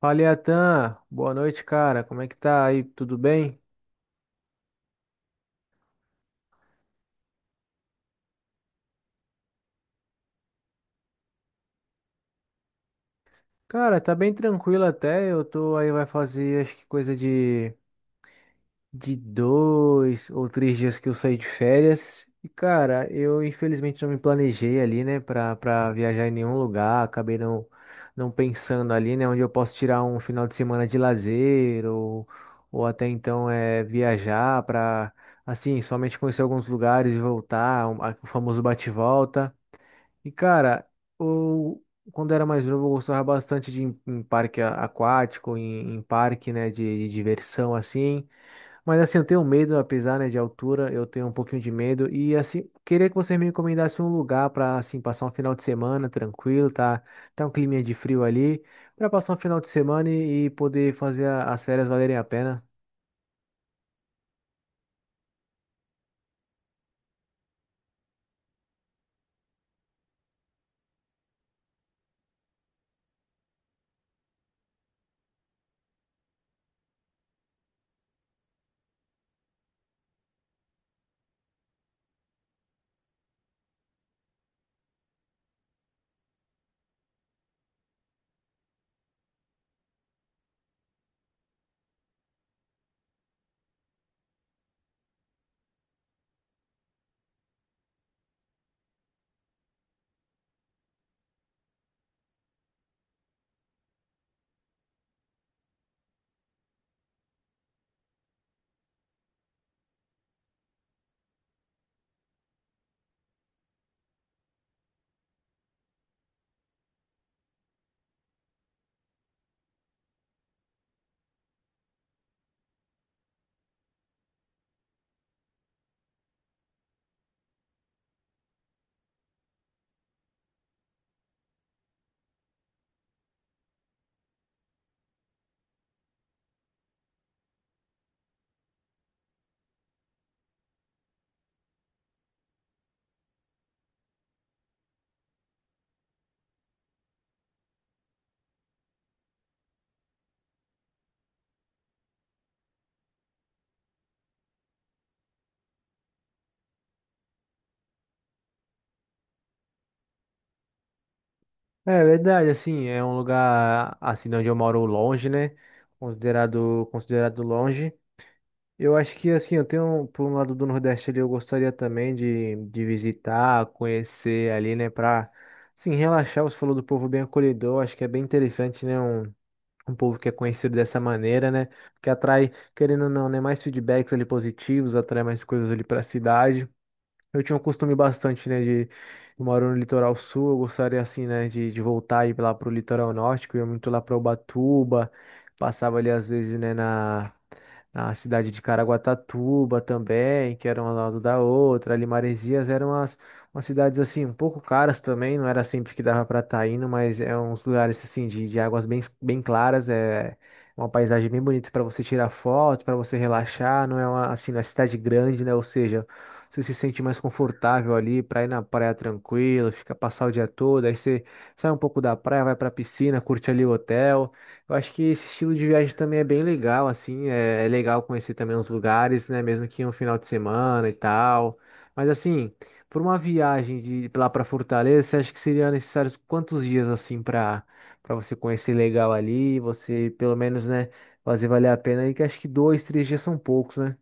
Fala, Iatan. Boa noite, cara. Como é que tá aí? Tudo bem? Cara, tá bem tranquilo até. Eu tô aí, vai fazer acho que coisa de, 2 ou 3 dias que eu saí de férias. E, cara, eu infelizmente não me planejei ali, né, pra viajar em nenhum lugar. Acabei não pensando ali, né, onde eu posso tirar um final de semana de lazer ou até então é viajar pra, assim, somente conhecer alguns lugares e voltar, o famoso bate-volta. E, cara, eu, quando era mais novo, eu gostava bastante de ir em, parque aquático, em, parque, né, de, diversão, assim. Mas, assim, eu tenho medo, apesar, né, de altura, eu tenho um pouquinho de medo. E, assim, queria que você me recomendasse um lugar para, assim, passar um final de semana tranquilo, tá? Tá um climinha de frio ali, para passar um final de semana e, poder fazer as férias valerem a pena. É verdade, assim, é um lugar, assim, de onde eu moro longe, né? Considerado longe. Eu acho que assim, eu tenho por um lado do Nordeste ali, eu gostaria também de, visitar, conhecer ali, né, pra assim, relaxar. Você falou do povo bem acolhedor, acho que é bem interessante, né, um povo que é conhecido dessa maneira, né, que atrai, querendo ou não, né, mais feedbacks ali positivos, atrai mais coisas ali pra cidade. Eu tinha um costume bastante, né, de eu moro no litoral sul, eu gostaria assim, né, de, voltar e ir lá pro litoral norte, que eu ia muito lá para Ubatuba, passava ali às vezes, né, na, cidade de Caraguatatuba também, que era um ao lado da outra, ali Maresias eram umas cidades assim, um pouco caras também, não era sempre que dava para estar indo, mas é uns lugares assim de, águas bem, bem claras, é uma paisagem bem bonita para você tirar foto, para você relaxar, não é uma assim, na cidade grande, né, ou seja, você se sente mais confortável ali para ir na praia tranquilo, fica passar o dia todo, aí você sai um pouco da praia, vai pra piscina, curte ali o hotel. Eu acho que esse estilo de viagem também é bem legal, assim, é legal conhecer também os lugares, né, mesmo que um final de semana e tal. Mas assim, por uma viagem de lá para Fortaleza, você acha que seria necessário quantos dias assim para você conhecer legal ali, você pelo menos, né, fazer valer a pena aí, que acho que 2, 3 dias são poucos, né?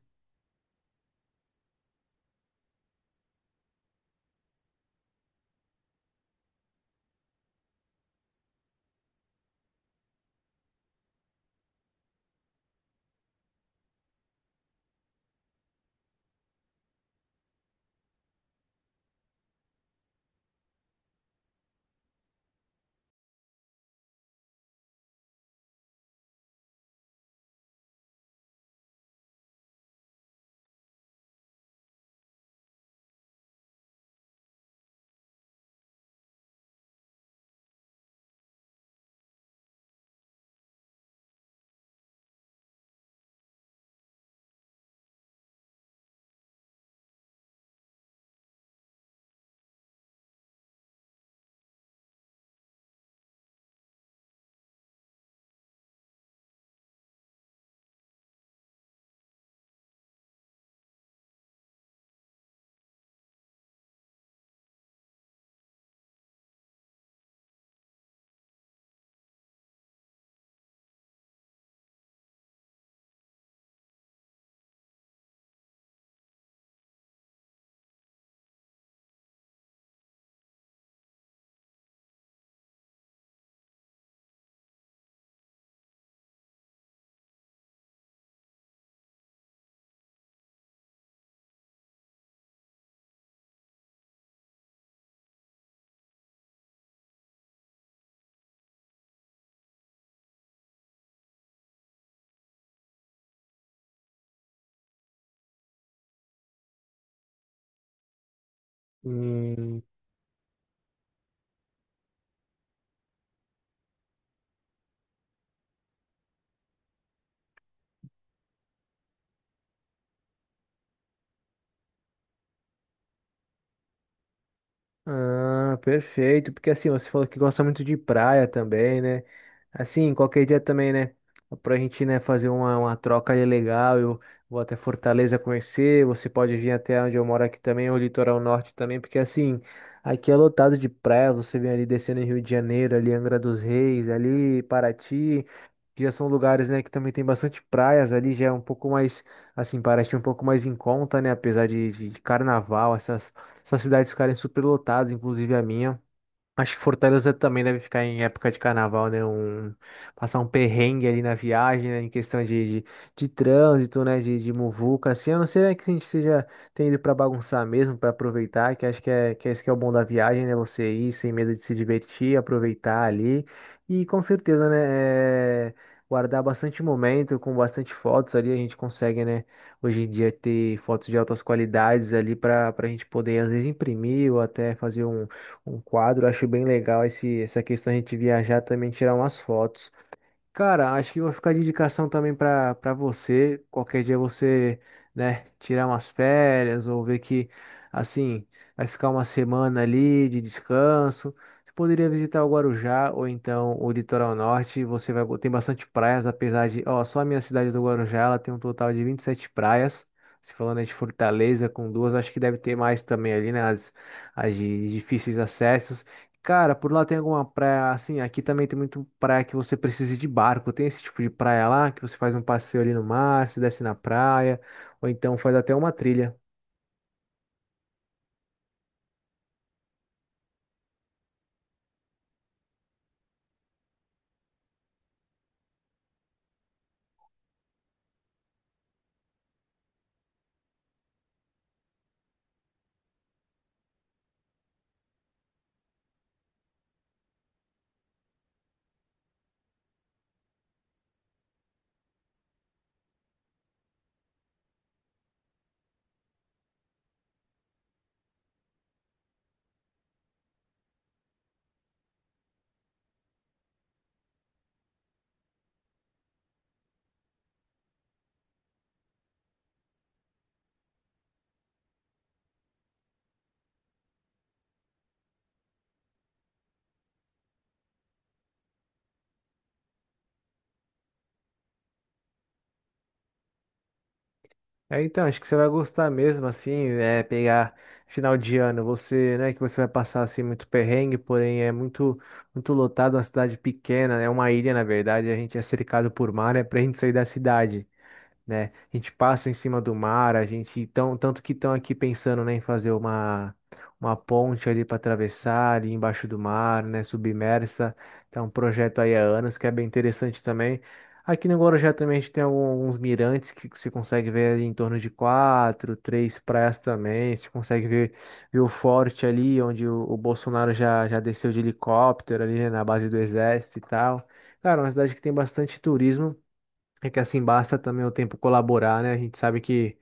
Hum. Ah, perfeito. Porque assim, você falou que gosta muito de praia também, né? Assim, qualquer dia também, né? Pra gente, né, fazer uma troca ali legal. Eu vou até Fortaleza conhecer. Você pode vir até onde eu moro aqui também, o litoral norte também, porque assim, aqui é lotado de praia. Você vem ali descendo em Rio de Janeiro, ali Angra dos Reis, ali Paraty. Que Já são lugares, né, que também tem bastante praias ali, já é um pouco mais, assim, parece um pouco mais em conta, né, apesar de, de carnaval, essas cidades ficarem superlotadas, inclusive a minha. Acho que Fortaleza também deve ficar em época de carnaval, né? Passar um perrengue ali na viagem, né? Em questão de, de trânsito, né? De muvuca, assim. A não ser, né, que a gente seja, tenha ido pra bagunçar mesmo, pra aproveitar, que acho que é isso que é o bom da viagem, né? Você ir sem medo de se divertir, aproveitar ali. E com certeza, né? é, guardar bastante momento, com bastante fotos ali, a gente consegue, né? Hoje em dia ter fotos de altas qualidades ali para a gente poder, às vezes, imprimir ou até fazer um quadro. Acho bem legal essa questão de a gente viajar também, tirar umas fotos. Cara, acho que vou ficar de indicação também para você. Qualquer dia você, né, tirar umas férias ou ver que, assim, vai ficar uma semana ali de descanso. Você poderia visitar o Guarujá ou então o Litoral Norte. Você vai, tem bastante praias, apesar de, ó, só a minha cidade do Guarujá, ela tem um total de 27 praias. Se falando aí de Fortaleza com duas, acho que deve ter mais também ali, né, as de difíceis acessos. Cara, por lá tem alguma praia, assim, aqui também tem muito praia que você precisa ir de barco. Tem esse tipo de praia lá, que você faz um passeio ali no mar, se desce na praia, ou então faz até uma trilha. É, então, acho que você vai gostar mesmo, assim, é pegar final de ano, você, né, que você vai passar, assim, muito perrengue, porém é muito, muito lotado, uma cidade pequena, é uma ilha, na verdade, a gente é cercado por mar, é pra gente sair da cidade, né? A gente passa em cima do mar, tanto que estão aqui pensando, né, em fazer uma ponte ali para atravessar ali embaixo do mar, né, submersa. Então, um projeto aí há anos que é bem interessante também. Aqui no Guarujá também a gente tem alguns mirantes que você consegue ver ali em torno de quatro, três praias também. Você consegue ver o forte ali, onde o Bolsonaro já, já desceu de helicóptero ali, né, na base do exército e tal. Cara, é uma cidade que tem bastante turismo. É que assim basta também o tempo colaborar, né? A gente sabe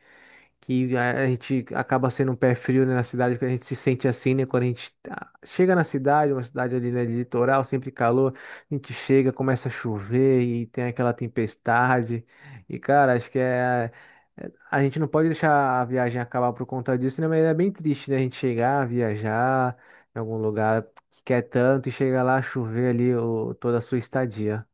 que a gente acaba sendo um pé frio, né, na cidade, que a gente se sente assim, né? Quando chega na cidade, uma cidade ali, né, de litoral, sempre calor, a gente chega, começa a chover e tem aquela tempestade. E, cara, acho que é. A gente não pode deixar a viagem acabar por conta disso, né? Mas é bem triste, né? A gente chegar, viajar em algum lugar que quer tanto e chegar lá, chover ali toda a sua estadia.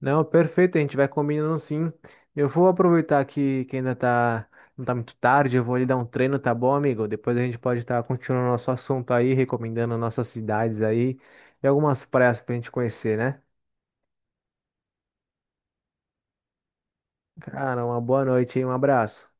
Não, perfeito, a gente vai combinando sim. Eu vou aproveitar que ainda tá, não tá muito tarde, eu vou ali dar um treino, tá bom, amigo? Depois a gente pode estar continuando nosso assunto aí, recomendando nossas cidades aí e algumas praias pra gente conhecer, né? Cara, uma boa noite e um abraço.